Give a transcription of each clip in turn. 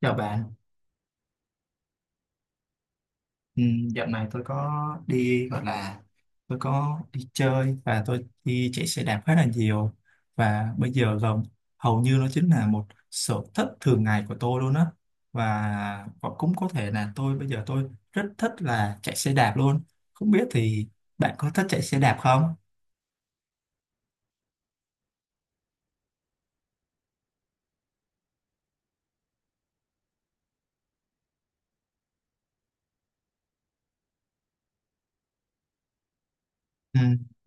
Chào bạn, ừ, dạo này tôi có đi gọi là đi chơi và tôi đi chạy xe đạp khá là nhiều. Và bây giờ gần hầu như nó chính là một sở thích thường ngày của tôi luôn á. Và cũng có thể là tôi bây giờ tôi rất thích là chạy xe đạp luôn. Không biết thì bạn có thích chạy xe đạp không? Ừ,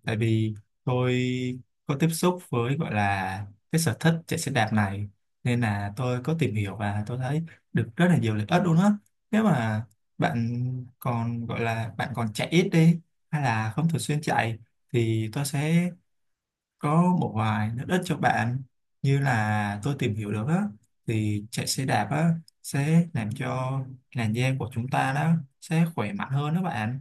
tại vì tôi có tiếp xúc với gọi là cái sở thích chạy xe đạp này nên là tôi có tìm hiểu và tôi thấy được rất là nhiều lợi ích luôn á. Nếu mà bạn còn gọi là bạn còn chạy ít đi hay là không thường xuyên chạy thì tôi sẽ có một vài lợi ích cho bạn. Như là tôi tìm hiểu được á, thì chạy xe đạp á sẽ làm cho làn da của chúng ta đó sẽ khỏe mạnh hơn đó bạn.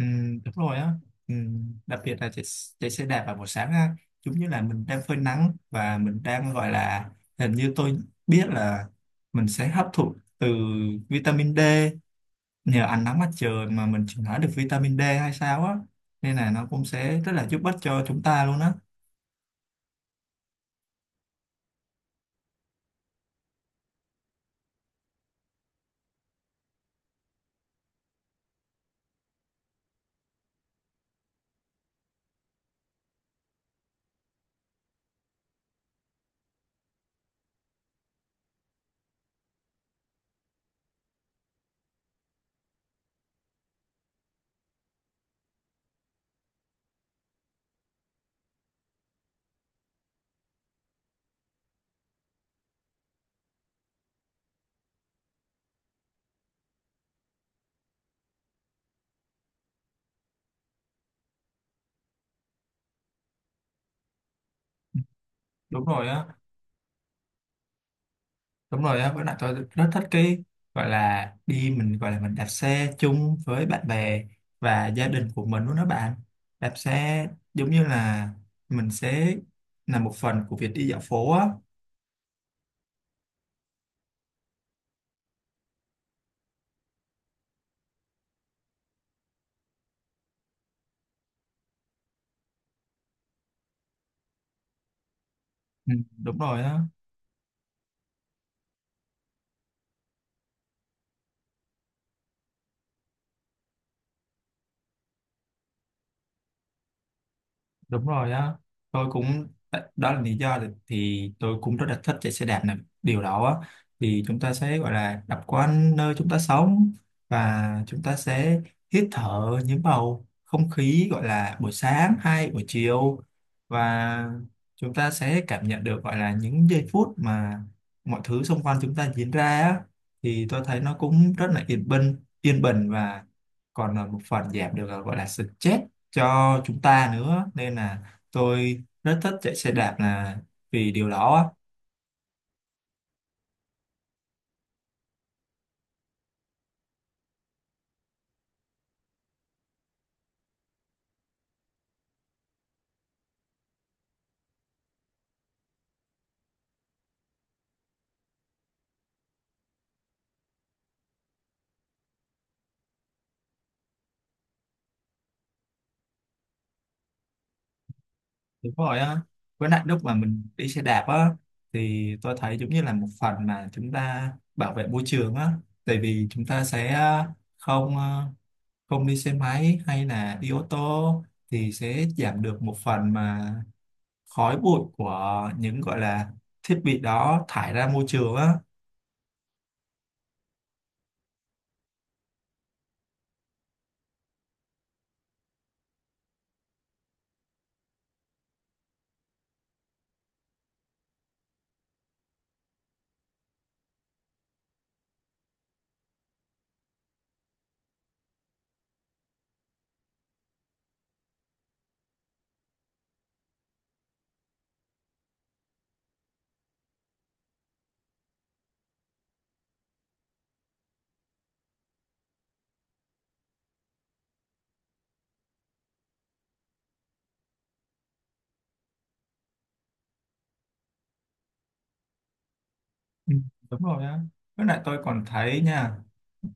Ừ, đúng rồi á. Ừ, đặc biệt là chạy xe đạp vào buổi sáng á, giống như là mình đang phơi nắng và mình đang gọi là hình như tôi biết là mình sẽ hấp thụ từ vitamin D, nhờ ánh nắng mặt trời mà mình chuyển hóa được vitamin D hay sao á, nên là nó cũng sẽ rất là giúp ích cho chúng ta luôn á. Đúng rồi á. Đúng rồi á, với lại tôi rất thích cái gọi là đi mình gọi là mình đạp xe chung với bạn bè và gia đình của mình luôn đó bạn. Đạp xe giống như là mình sẽ là một phần của việc đi dạo phố á. Ừ, đúng rồi á. Đúng rồi á, tôi cũng đó là lý do thì tôi cũng rất là thích chạy xe đạp này, điều đó á. Thì chúng ta sẽ gọi là đạp quanh nơi chúng ta sống, và chúng ta sẽ hít thở những bầu không khí gọi là buổi sáng hay buổi chiều, và chúng ta sẽ cảm nhận được gọi là những giây phút mà mọi thứ xung quanh chúng ta diễn ra á. Thì tôi thấy nó cũng rất là yên bình, yên bình, và còn là một phần giảm được gọi là stress cho chúng ta nữa, nên là tôi rất thích chạy xe đạp là vì điều đó á. Đúng rồi á, với lại lúc mà mình đi xe đạp á thì tôi thấy giống như là một phần mà chúng ta bảo vệ môi trường á. Tại vì chúng ta sẽ không ờ, không đi xe máy hay là đi ô tô, thì sẽ giảm được một phần mà khói bụi của những gọi là thiết bị đó thải ra môi trường á. Ừ, đúng rồi á, với lại tôi còn thấy nha,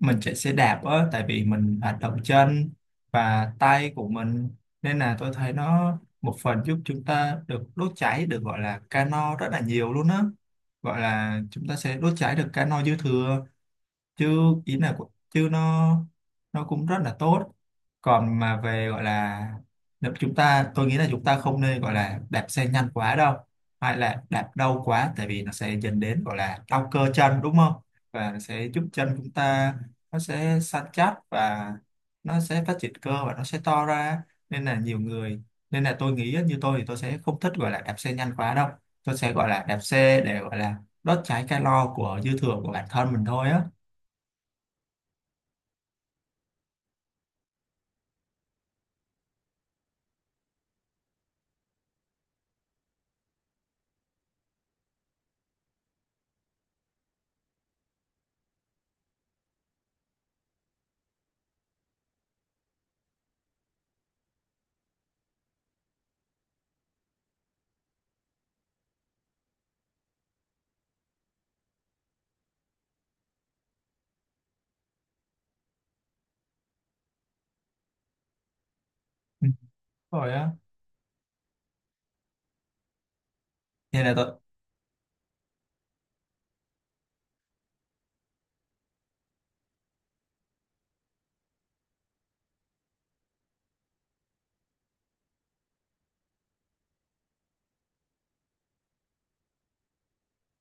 mình chạy xe đạp á, tại vì mình hoạt động chân và tay của mình nên là tôi thấy nó một phần giúp chúng ta được đốt cháy được gọi là calo rất là nhiều luôn á. Gọi là chúng ta sẽ đốt cháy được calo dư thừa, chứ chứ nó cũng rất là tốt. Còn mà về gọi là nếu chúng ta, tôi nghĩ là chúng ta không nên gọi là đạp xe nhanh quá đâu hay là đạp đau quá, tại vì nó sẽ dẫn đến gọi là đau cơ chân đúng không, và nó sẽ giúp chân chúng ta, nó sẽ săn chắc và nó sẽ phát triển cơ và nó sẽ to ra. Nên là nhiều người, nên là tôi nghĩ á, như tôi thì tôi sẽ không thích gọi là đạp xe nhanh quá đâu, tôi sẽ gọi là đạp xe để gọi là đốt cháy calo của dư thừa của bản thân mình thôi á. Ừ. Rồi á. Vậy là tôi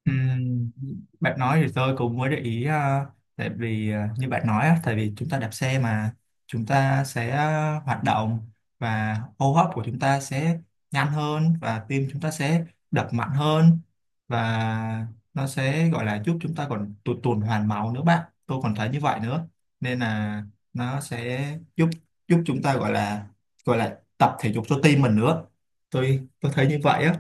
ừm, Bạn nói thì tôi cũng mới để ý, tại vì như bạn nói á, tại vì chúng ta đạp xe mà chúng ta sẽ hoạt động và hô hấp của chúng ta sẽ nhanh hơn và tim chúng ta sẽ đập mạnh hơn, và nó sẽ gọi là giúp chúng ta còn tuần hoàn máu nữa bạn, tôi còn thấy như vậy nữa. Nên là nó sẽ giúp giúp chúng ta gọi là tập thể dục cho tim mình nữa, tôi thấy như vậy á.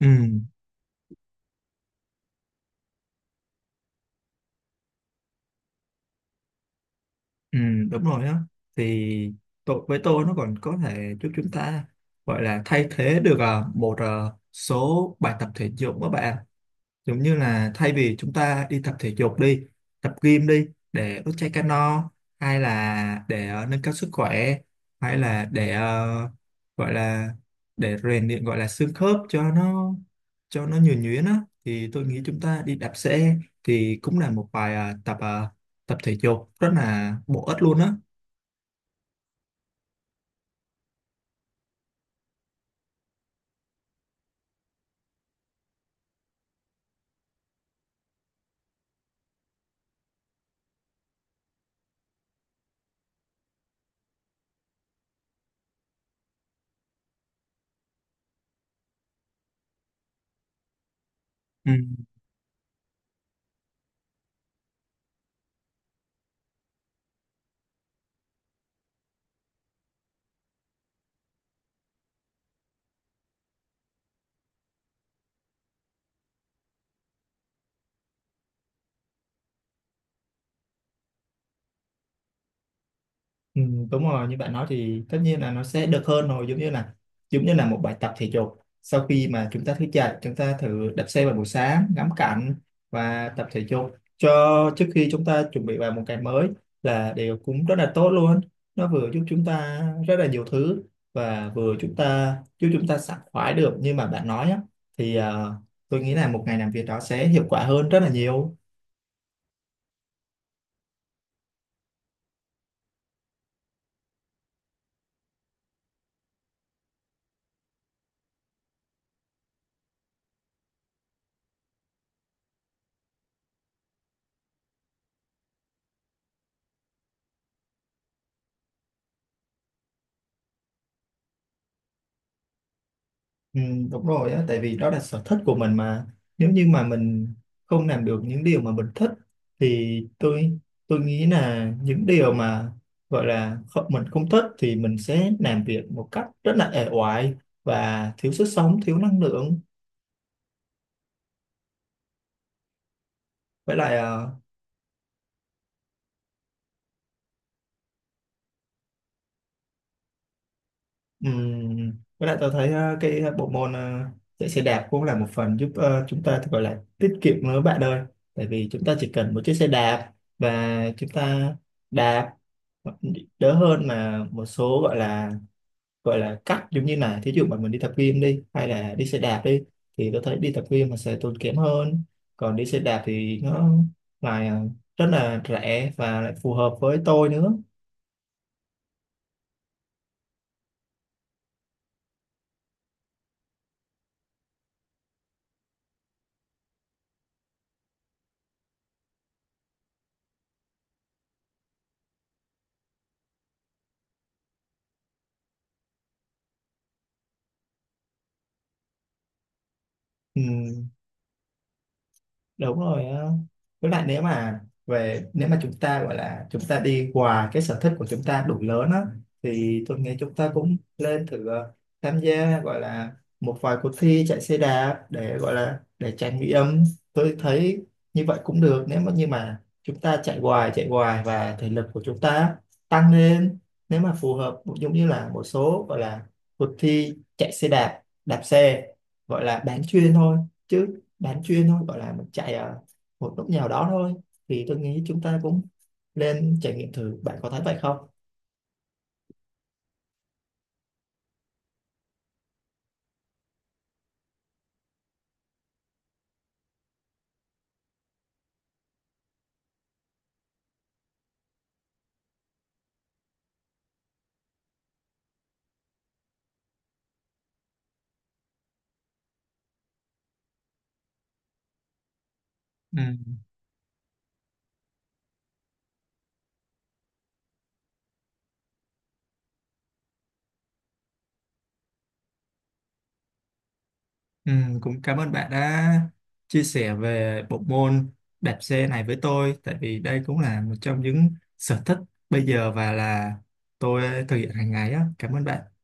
Ừ. Ừ, đúng rồi á. Thì tôi với tôi nó còn có thể giúp chúng ta gọi là thay thế được một số bài tập thể dục các bạn, giống như là thay vì chúng ta đi tập thể dục đi, tập gym đi, để đốt cháy calo no, hay là để nâng cao sức khỏe, hay là để gọi là để rèn luyện gọi là xương khớp cho nó nhuần nhuyễn á, thì tôi nghĩ chúng ta đi đạp xe thì cũng là một bài tập tập thể dục rất là bổ ích luôn á. Ừ. Ừ, đúng rồi như bạn nói thì tất nhiên là nó sẽ được hơn rồi, giống như là một bài tập thể dục sau khi mà chúng ta thức dậy chúng ta thử đạp xe vào buổi sáng ngắm cảnh và tập thể dục cho trước khi chúng ta chuẩn bị vào một ngày mới là đều cũng rất là tốt luôn. Nó vừa giúp chúng ta rất là nhiều thứ và vừa chúng ta giúp chúng ta sảng khoái được như mà bạn nói á, thì tôi nghĩ là một ngày làm việc đó sẽ hiệu quả hơn rất là nhiều. Ừ, đúng rồi á, tại vì đó là sở thích của mình mà, nếu như mà mình không làm được những điều mà mình thích thì tôi nghĩ là những điều mà gọi là không, mình không thích thì mình sẽ làm việc một cách rất là ẻ oải và thiếu sức sống, thiếu năng lượng. Với lại ờ, Với lại tôi thấy cái bộ môn chạy xe đạp cũng là một phần giúp chúng ta thì gọi là tiết kiệm nữa bạn ơi. Tại vì chúng ta chỉ cần một chiếc xe đạp và chúng ta đạp ờ, đỡ hơn mà một số gọi là cắt, giống như là thí dụ mà mình đi tập gym đi hay là đi xe đạp đi, thì tôi thấy đi tập gym mà sẽ tốn kém hơn. Còn đi xe đạp thì nó lại rất là rẻ và lại phù hợp với tôi nữa. Ừ, đúng rồi á. Với lại nếu mà chúng ta gọi là chúng ta đi qua cái sở thích của chúng ta đủ lớn á, thì tôi nghĩ chúng ta cũng lên thử tham gia gọi là một vài cuộc thi chạy xe đạp để gọi là để trải nghiệm, tôi thấy như vậy cũng được. Nếu mà như mà chúng ta chạy hoài và thể lực của chúng ta tăng lên, nếu mà phù hợp giống như là một số gọi là cuộc thi chạy xe đạp, đạp xe gọi là bán chuyên thôi, chứ bán chuyên thôi gọi là mình chạy ở một lúc nào đó thôi, thì tôi nghĩ chúng ta cũng lên trải nghiệm thử, bạn có thấy vậy không? Ừ. Ừ, cũng cảm ơn bạn đã chia sẻ về bộ môn đạp xe này với tôi, tại vì đây cũng là một trong những sở thích bây giờ và là tôi thực hiện hàng ngày á. Cảm ơn bạn.